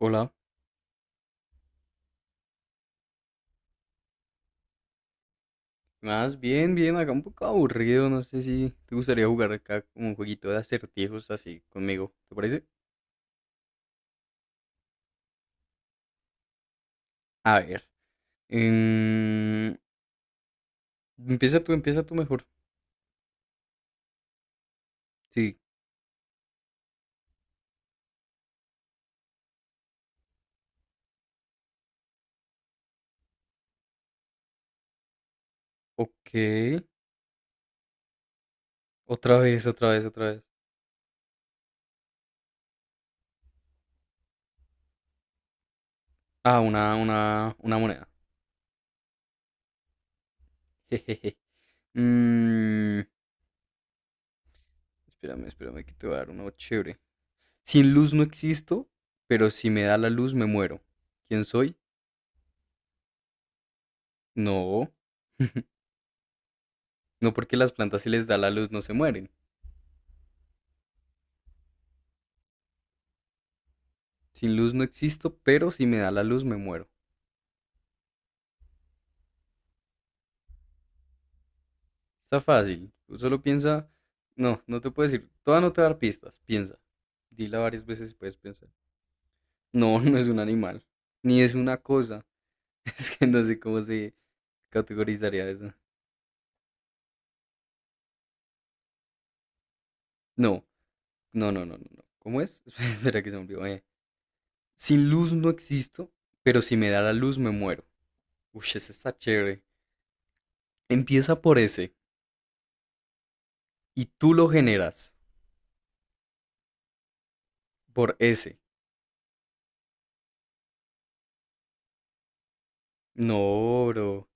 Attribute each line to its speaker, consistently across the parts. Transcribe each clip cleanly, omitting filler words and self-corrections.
Speaker 1: Hola. Más bien, bien, acá un poco aburrido, no sé si te gustaría jugar acá como un jueguito de acertijos así conmigo, ¿te parece? A ver. em, empieza tú mejor. Sí, ok. Otra vez, otra vez, otra vez. Ah, una moneda. Jejeje. Mm, espérame, espérame, que te voy a dar uno chévere. Sin luz no existo, pero si me da la luz me muero. ¿Quién soy? No. No porque las plantas si les da la luz no se mueren. Sin luz no existo, pero si me da la luz me muero. Está fácil. Tú solo piensa. No, no te puedo decir. Toda no te va a dar pistas. Piensa. Dila varias veces y puedes pensar. No, no es un animal. Ni es una cosa. Es que no sé cómo se categorizaría eso. No, no, no, no, no. No. ¿Cómo es? Espera que se me olvidó. Sin luz no existo, pero si me da la luz me muero. Uy, ese está chévere. Empieza por ese. Y tú lo generas. Por ese. No, bro. O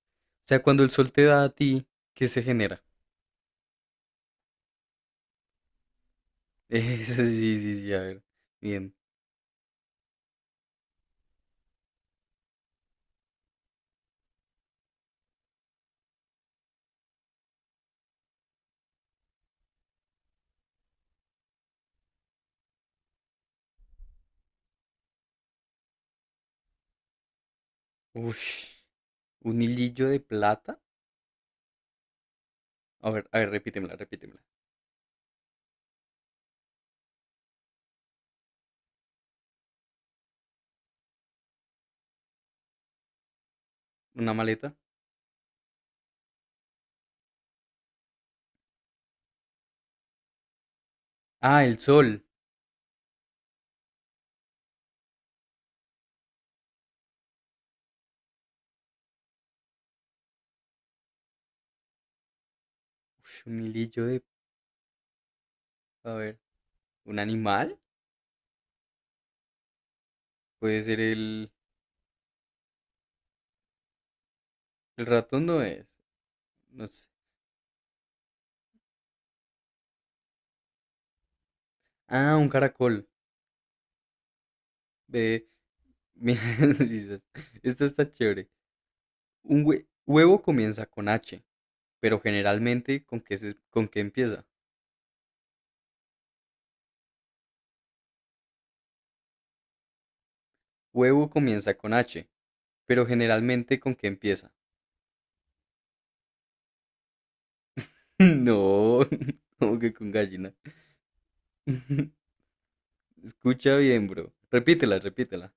Speaker 1: sea, cuando el sol te da a ti, ¿qué se genera? Eso sí, sí, sí, a ver. Bien. Ush, un hilillo de plata. A ver, repítemela, repítemela. Una maleta. Ah, el sol. Ush, un hilillo de... A ver, ¿un animal? Puede ser el... El ratón no es. No sé. Ah, un caracol. Ve, mira, sí, sí, esta está chévere. Un huevo comienza con H, pero generalmente, ¿con qué, con qué empieza? Huevo comienza con H. Pero generalmente, ¿con qué empieza? No, como que con gallina. Escucha bien, bro. Repítela, repítela.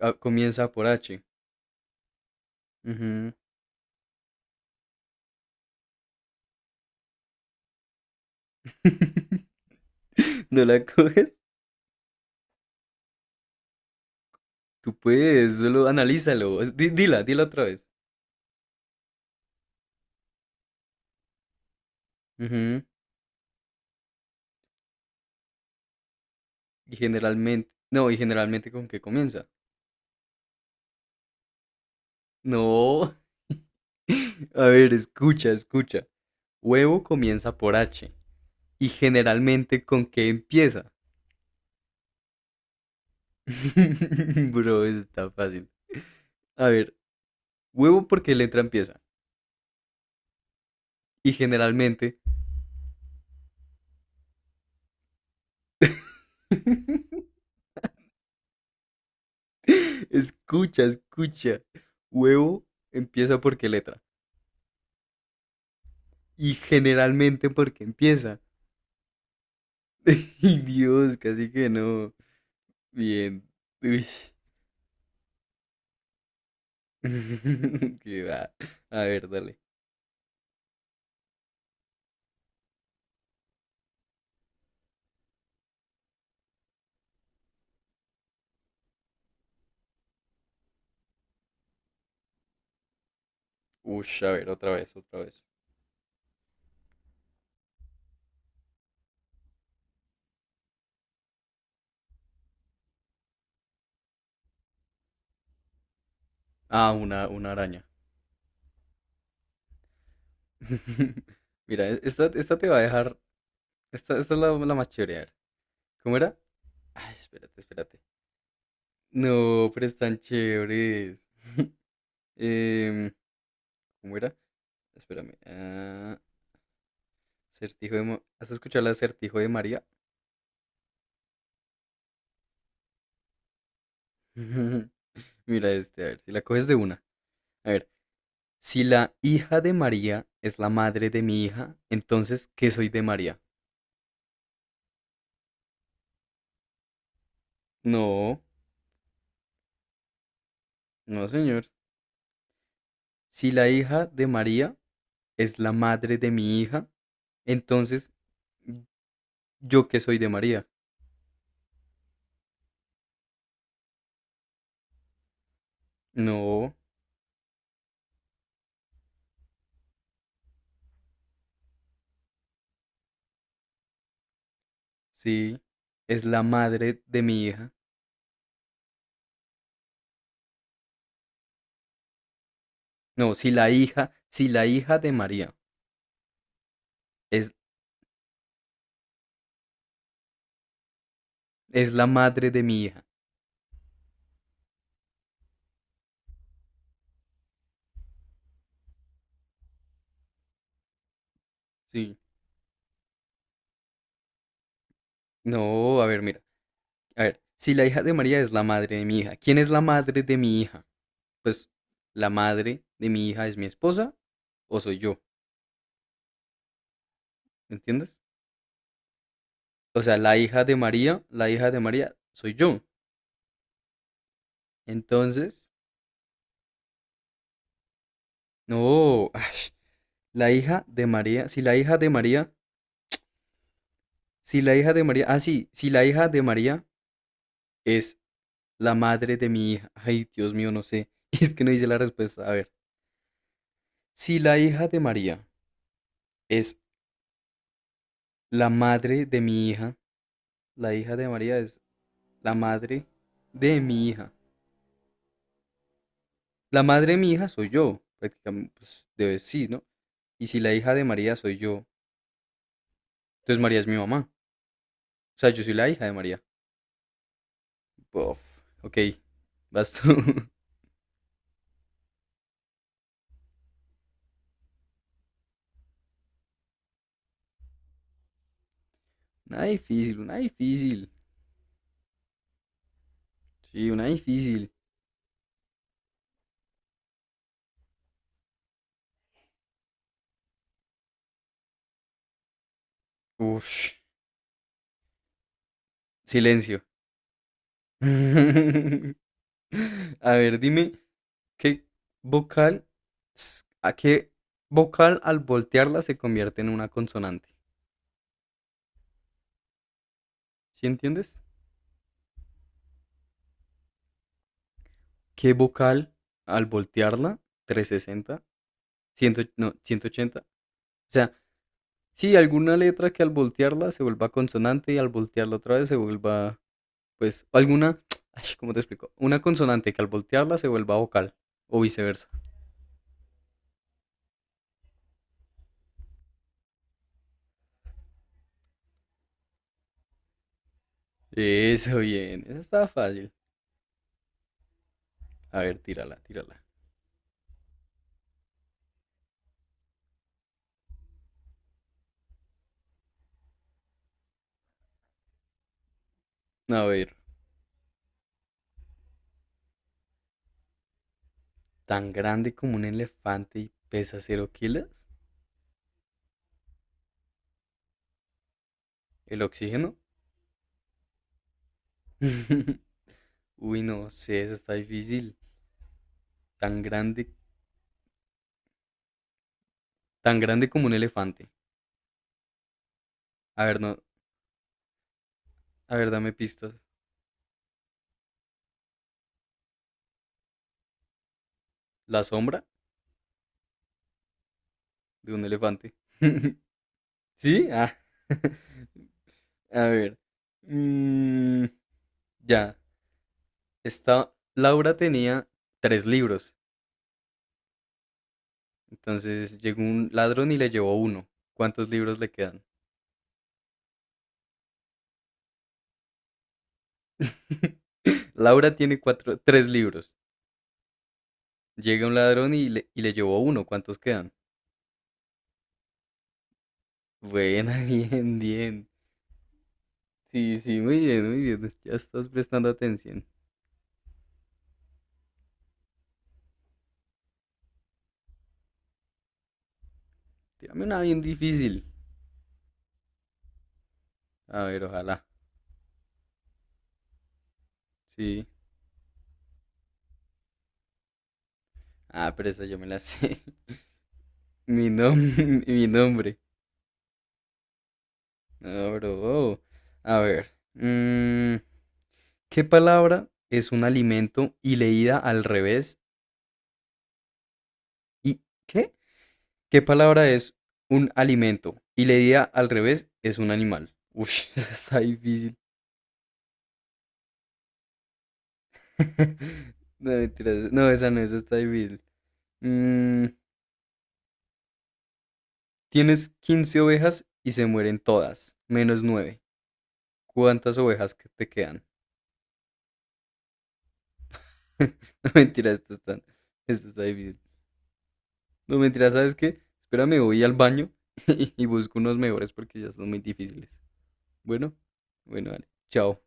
Speaker 1: Ah, comienza por H. Ujú. ¿No la coges? Tú puedes, solo analízalo. Dila, dila otra vez. Ujú. Y generalmente, no, y generalmente con qué comienza. No. A ver, escucha, escucha. Huevo comienza por H. Y generalmente con qué empieza. Bro, eso está fácil. A ver, huevo porque letra empieza. Y generalmente, escucha, escucha. Huevo empieza porque letra. Y generalmente porque empieza. Dios, casi que no. Bien. Uy. Qué va. A ver, dale. Uy, a ver, otra vez, otra vez. Ah, una araña. Mira, esta te va a dejar. Esta es la más chévere. A ver, ¿cómo era? Ay, espérate, espérate. No, pero están chéveres. Em, ¿cómo era? Espérame. Ah, acertijo de... ¿Has escuchado el acertijo de María? Mira este, a ver, si la coges de una. A ver, si la hija de María es la madre de mi hija, entonces, ¿qué soy de María? No, no, señor. Si la hija de María es la madre de mi hija, entonces, ¿yo qué soy de María? No, sí, es la madre de mi hija. No, si la hija de María es. Es la madre de mi hija. Sí. No, a ver, mira. A ver, si la hija de María es la madre de mi hija, ¿quién es la madre de mi hija? Pues la madre de mi hija es mi esposa o soy yo, ¿me entiendes? O sea, la hija de María, la hija de María soy yo. Entonces, no, ash, la hija de María, si la hija de María, si la hija de María, ah, sí, si la hija de María es la madre de mi hija. Ay, Dios mío, no sé. Es que no hice la respuesta. A ver, si la hija de María es la madre de mi hija, la hija de María es la madre de mi hija. La madre de mi hija soy yo, prácticamente, pues debe sí, ¿no? Y si la hija de María soy yo, entonces María es mi mamá. O sea, yo soy la hija de María. Bof, ok, vas tú. Una difícil, una difícil. Sí, una difícil. Uff, silencio. A ver, dime, ¿qué vocal, a qué vocal al voltearla se convierte en una consonante? ¿Sí entiendes? ¿Qué vocal al voltearla? 360, 100, no, ¿180? O sea, sí, alguna letra que al voltearla se vuelva consonante y al voltearla otra vez se vuelva, pues, alguna, ay, ¿cómo te explico? Una consonante que al voltearla se vuelva vocal o viceversa. Eso, bien, esa estaba fácil. A ver, tírala, tírala. A ver, tan grande como un elefante y pesa 0 kilos. ¿El oxígeno? Uy, no sé, esa está difícil. Tan grande Tan grande como un elefante. A ver, no, a ver, dame pistas. La sombra de un elefante. ¿Sí? Ah. A ver. Mm, ya. Esta Laura tenía tres libros. Entonces llegó un ladrón y le llevó uno. ¿Cuántos libros le quedan? Laura tiene cuatro, tres libros. Llega un ladrón y le llevó uno. ¿Cuántos quedan? Buena, bien, bien. Sí, sí, muy bien, muy bien. Ya estás prestando atención. Tírame una bien difícil. A ver, ojalá. Sí. Ah, pero esta yo me la sé. Mi nombre. No, bro. A ver. mm, ¿Qué palabra es un alimento y leída al revés? ¿Y qué? ¿Qué palabra es un alimento y leída al revés es un animal? Uy, esa está difícil. No, mentiras. No, esa no, esa está difícil. Mm, tienes 15 ovejas y se mueren todas, menos 9. ¿Cuántas ovejas que te quedan? No mentira, esto está difícil. No mentira, ¿sabes qué? Espérame, voy al baño y busco unos mejores porque ya son muy difíciles. Bueno, bueno, vale. Chao.